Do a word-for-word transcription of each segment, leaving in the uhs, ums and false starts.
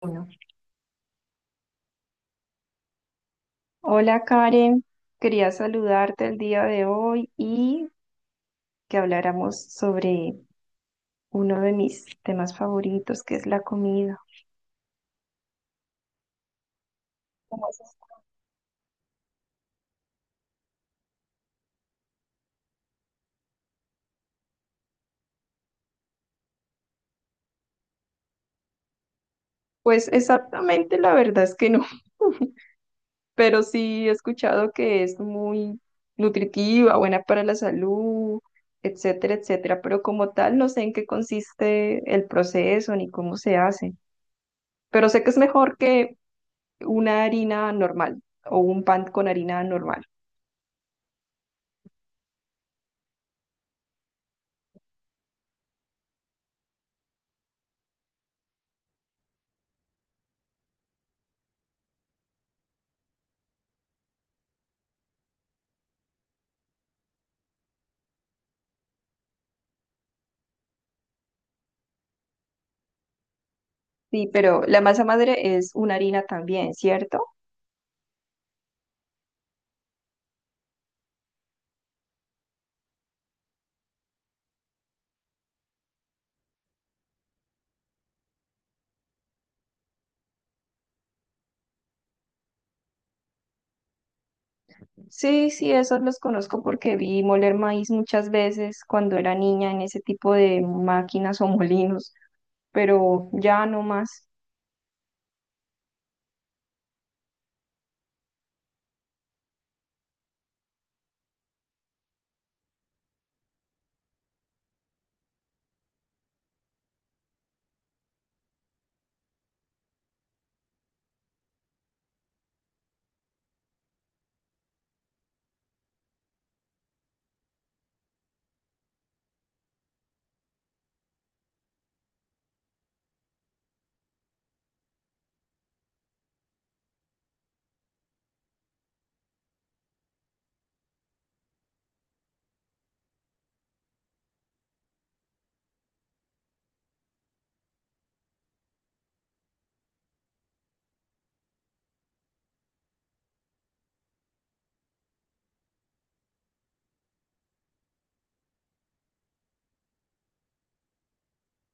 Bueno, hola Karen, quería saludarte el día de hoy y que habláramos sobre uno de mis temas favoritos, que es la comida. ¿Cómo has estado? Pues exactamente la verdad es que no, pero sí he escuchado que es muy nutritiva, buena para la salud, etcétera, etcétera, pero como tal no sé en qué consiste el proceso ni cómo se hace, pero sé que es mejor que una harina normal o un pan con harina normal. Sí, pero la masa madre es una harina también, ¿cierto? Sí, sí, esos los conozco porque vi moler maíz muchas veces cuando era niña en ese tipo de máquinas o molinos, pero ya no más.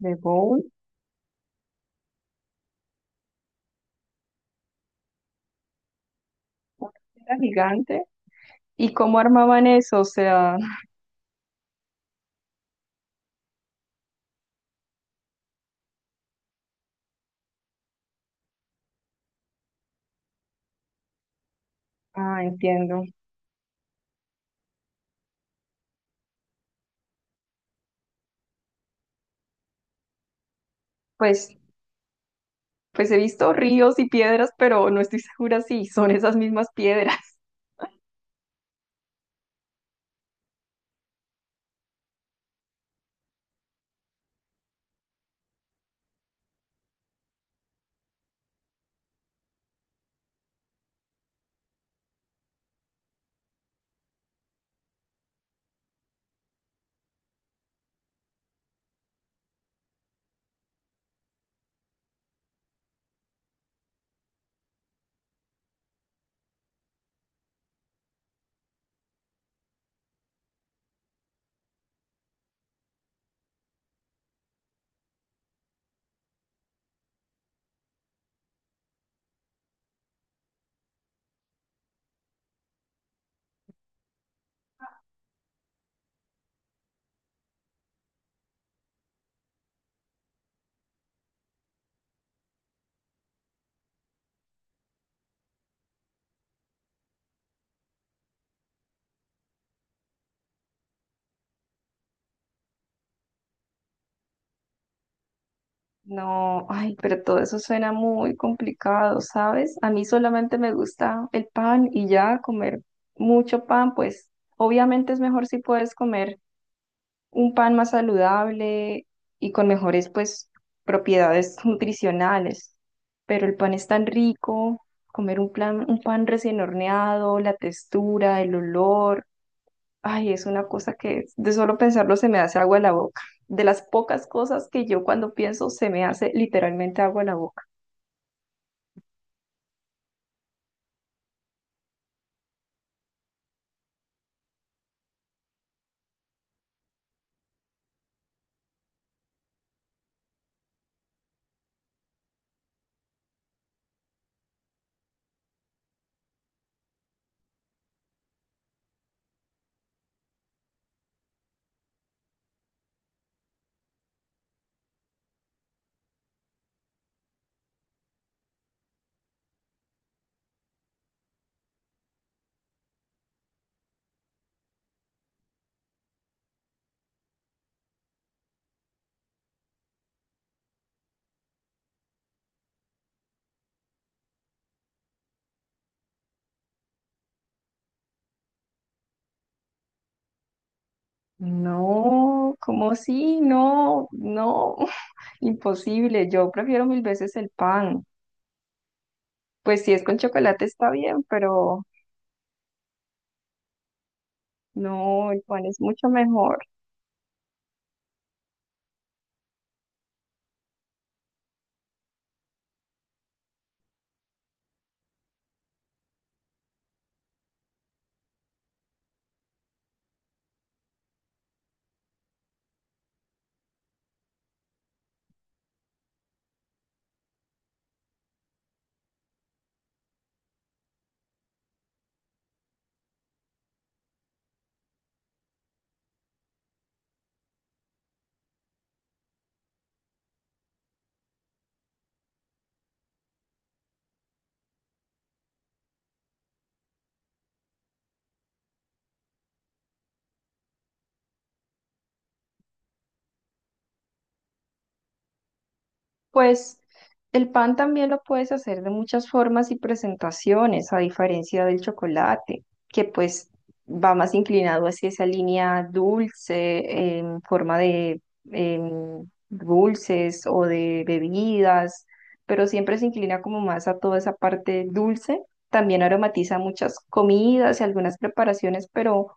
De bowl, una piedra gigante. ¿Y cómo armaban eso? O sea, ah, entiendo. Pues, pues he visto ríos y piedras, pero no estoy segura si son esas mismas piedras. No, ay, pero todo eso suena muy complicado, ¿sabes? A mí solamente me gusta el pan y ya comer mucho pan, pues obviamente es mejor si puedes comer un pan más saludable y con mejores, pues, propiedades nutricionales. Pero el pan es tan rico, comer un plan, un pan recién horneado, la textura, el olor. Ay, es una cosa que de solo pensarlo se me hace agua en la boca. De las pocas cosas que yo cuando pienso se me hace literalmente agua en la boca. No, cómo si, no, no, imposible. Yo prefiero mil veces el pan. Pues si es con chocolate está bien, pero no, el pan es mucho mejor. Pues el pan también lo puedes hacer de muchas formas y presentaciones, a diferencia del chocolate, que pues va más inclinado hacia esa línea dulce, en forma de em, dulces o de bebidas, pero siempre se inclina como más a toda esa parte dulce. También aromatiza muchas comidas y algunas preparaciones, pero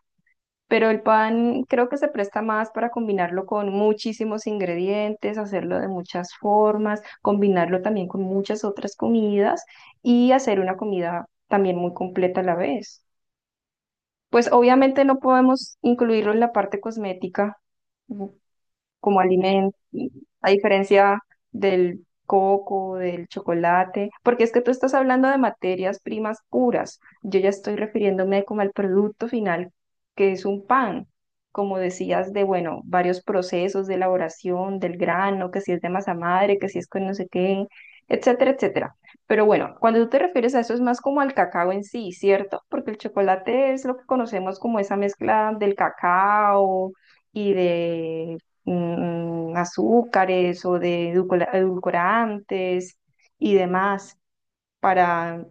pero el pan creo que se presta más para combinarlo con muchísimos ingredientes, hacerlo de muchas formas, combinarlo también con muchas otras comidas y hacer una comida también muy completa a la vez. Pues obviamente no podemos incluirlo en la parte cosmética, como alimento, a diferencia del coco, del chocolate, porque es que tú estás hablando de materias primas puras. Yo ya estoy refiriéndome como al producto final, que es un pan, como decías, de, bueno, varios procesos de elaboración del grano, que si es de masa madre, que si es con no sé qué, etcétera, etcétera. Pero bueno, cuando tú te refieres a eso es más como al cacao en sí, ¿cierto? Porque el chocolate es lo que conocemos como esa mezcla del cacao, y de mm, azúcares o de edulcora- edulcorantes y demás para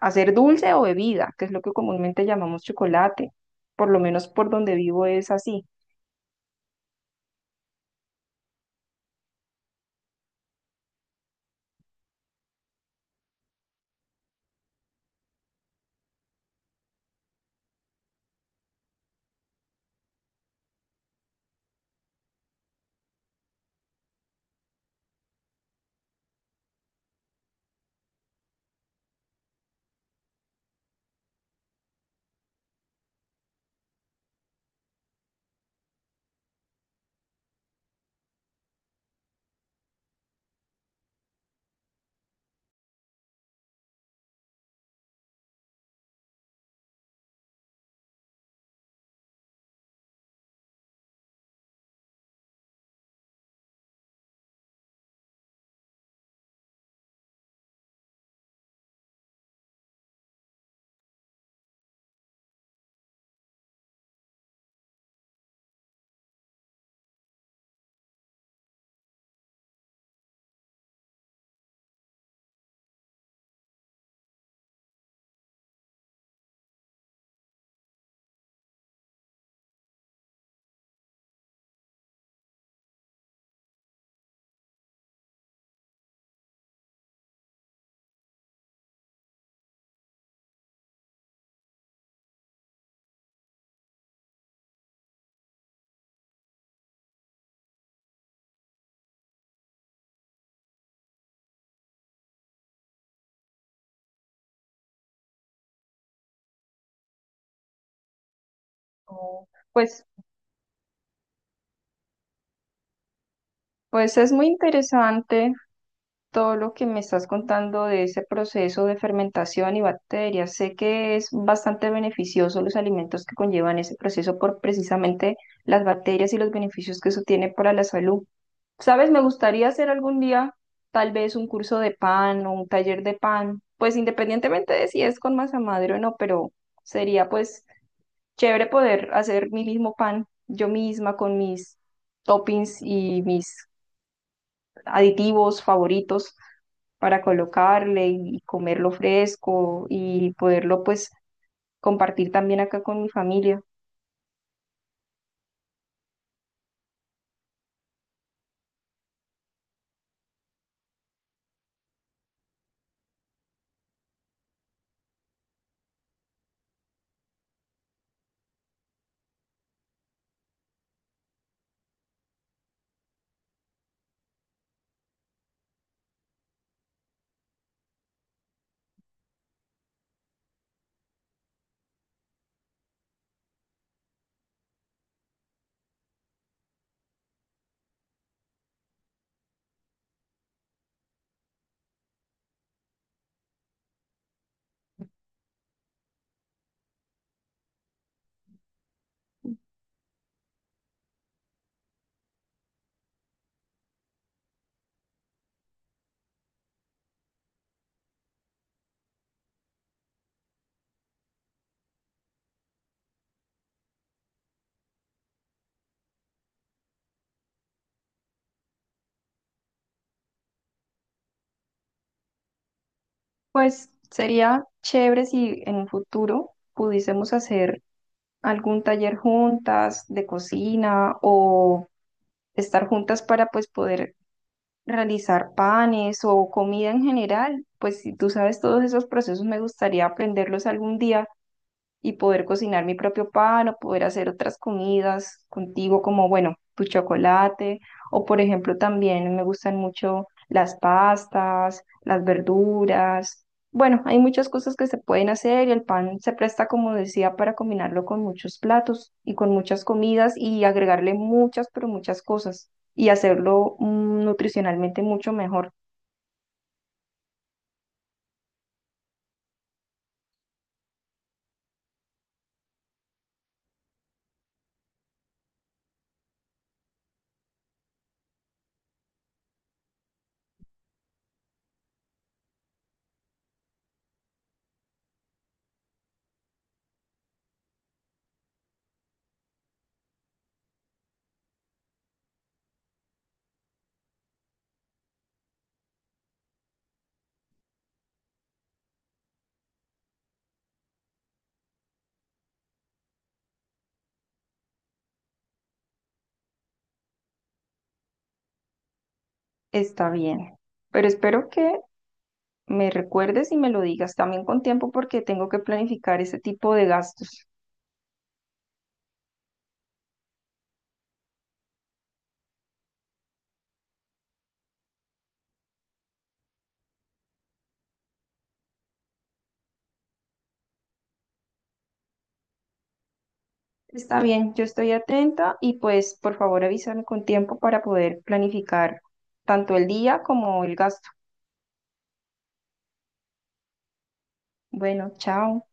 hacer dulce o bebida, que es lo que comúnmente llamamos chocolate. Por lo menos por donde vivo es así. Oh. Pues, pues es muy interesante todo lo que me estás contando de ese proceso de fermentación y bacterias. Sé que es bastante beneficioso los alimentos que conllevan ese proceso por precisamente las bacterias y los beneficios que eso tiene para la salud. ¿Sabes? Me gustaría hacer algún día tal vez un curso de pan o un taller de pan, pues independientemente de si es con masa madre o no, pero sería pues chévere poder hacer mi mismo pan yo misma con mis toppings y mis aditivos favoritos para colocarle y comerlo fresco y poderlo pues compartir también acá con mi familia. Pues sería chévere si en un futuro pudiésemos hacer algún taller juntas de cocina o estar juntas para pues poder realizar panes o comida en general. Pues si tú sabes todos esos procesos, me gustaría aprenderlos algún día y poder cocinar mi propio pan o poder hacer otras comidas contigo, como bueno, tu chocolate, o por ejemplo también me gustan mucho las pastas, las verduras. Bueno, hay muchas cosas que se pueden hacer y el pan se presta, como decía, para combinarlo con muchos platos y con muchas comidas y agregarle muchas, pero muchas cosas y hacerlo mm, nutricionalmente mucho mejor. Está bien. Pero espero que me recuerdes y me lo digas también con tiempo porque tengo que planificar ese tipo de gastos. Está bien, yo estoy atenta y pues por favor avísame con tiempo para poder planificar tanto el día como el gasto. Bueno, chao.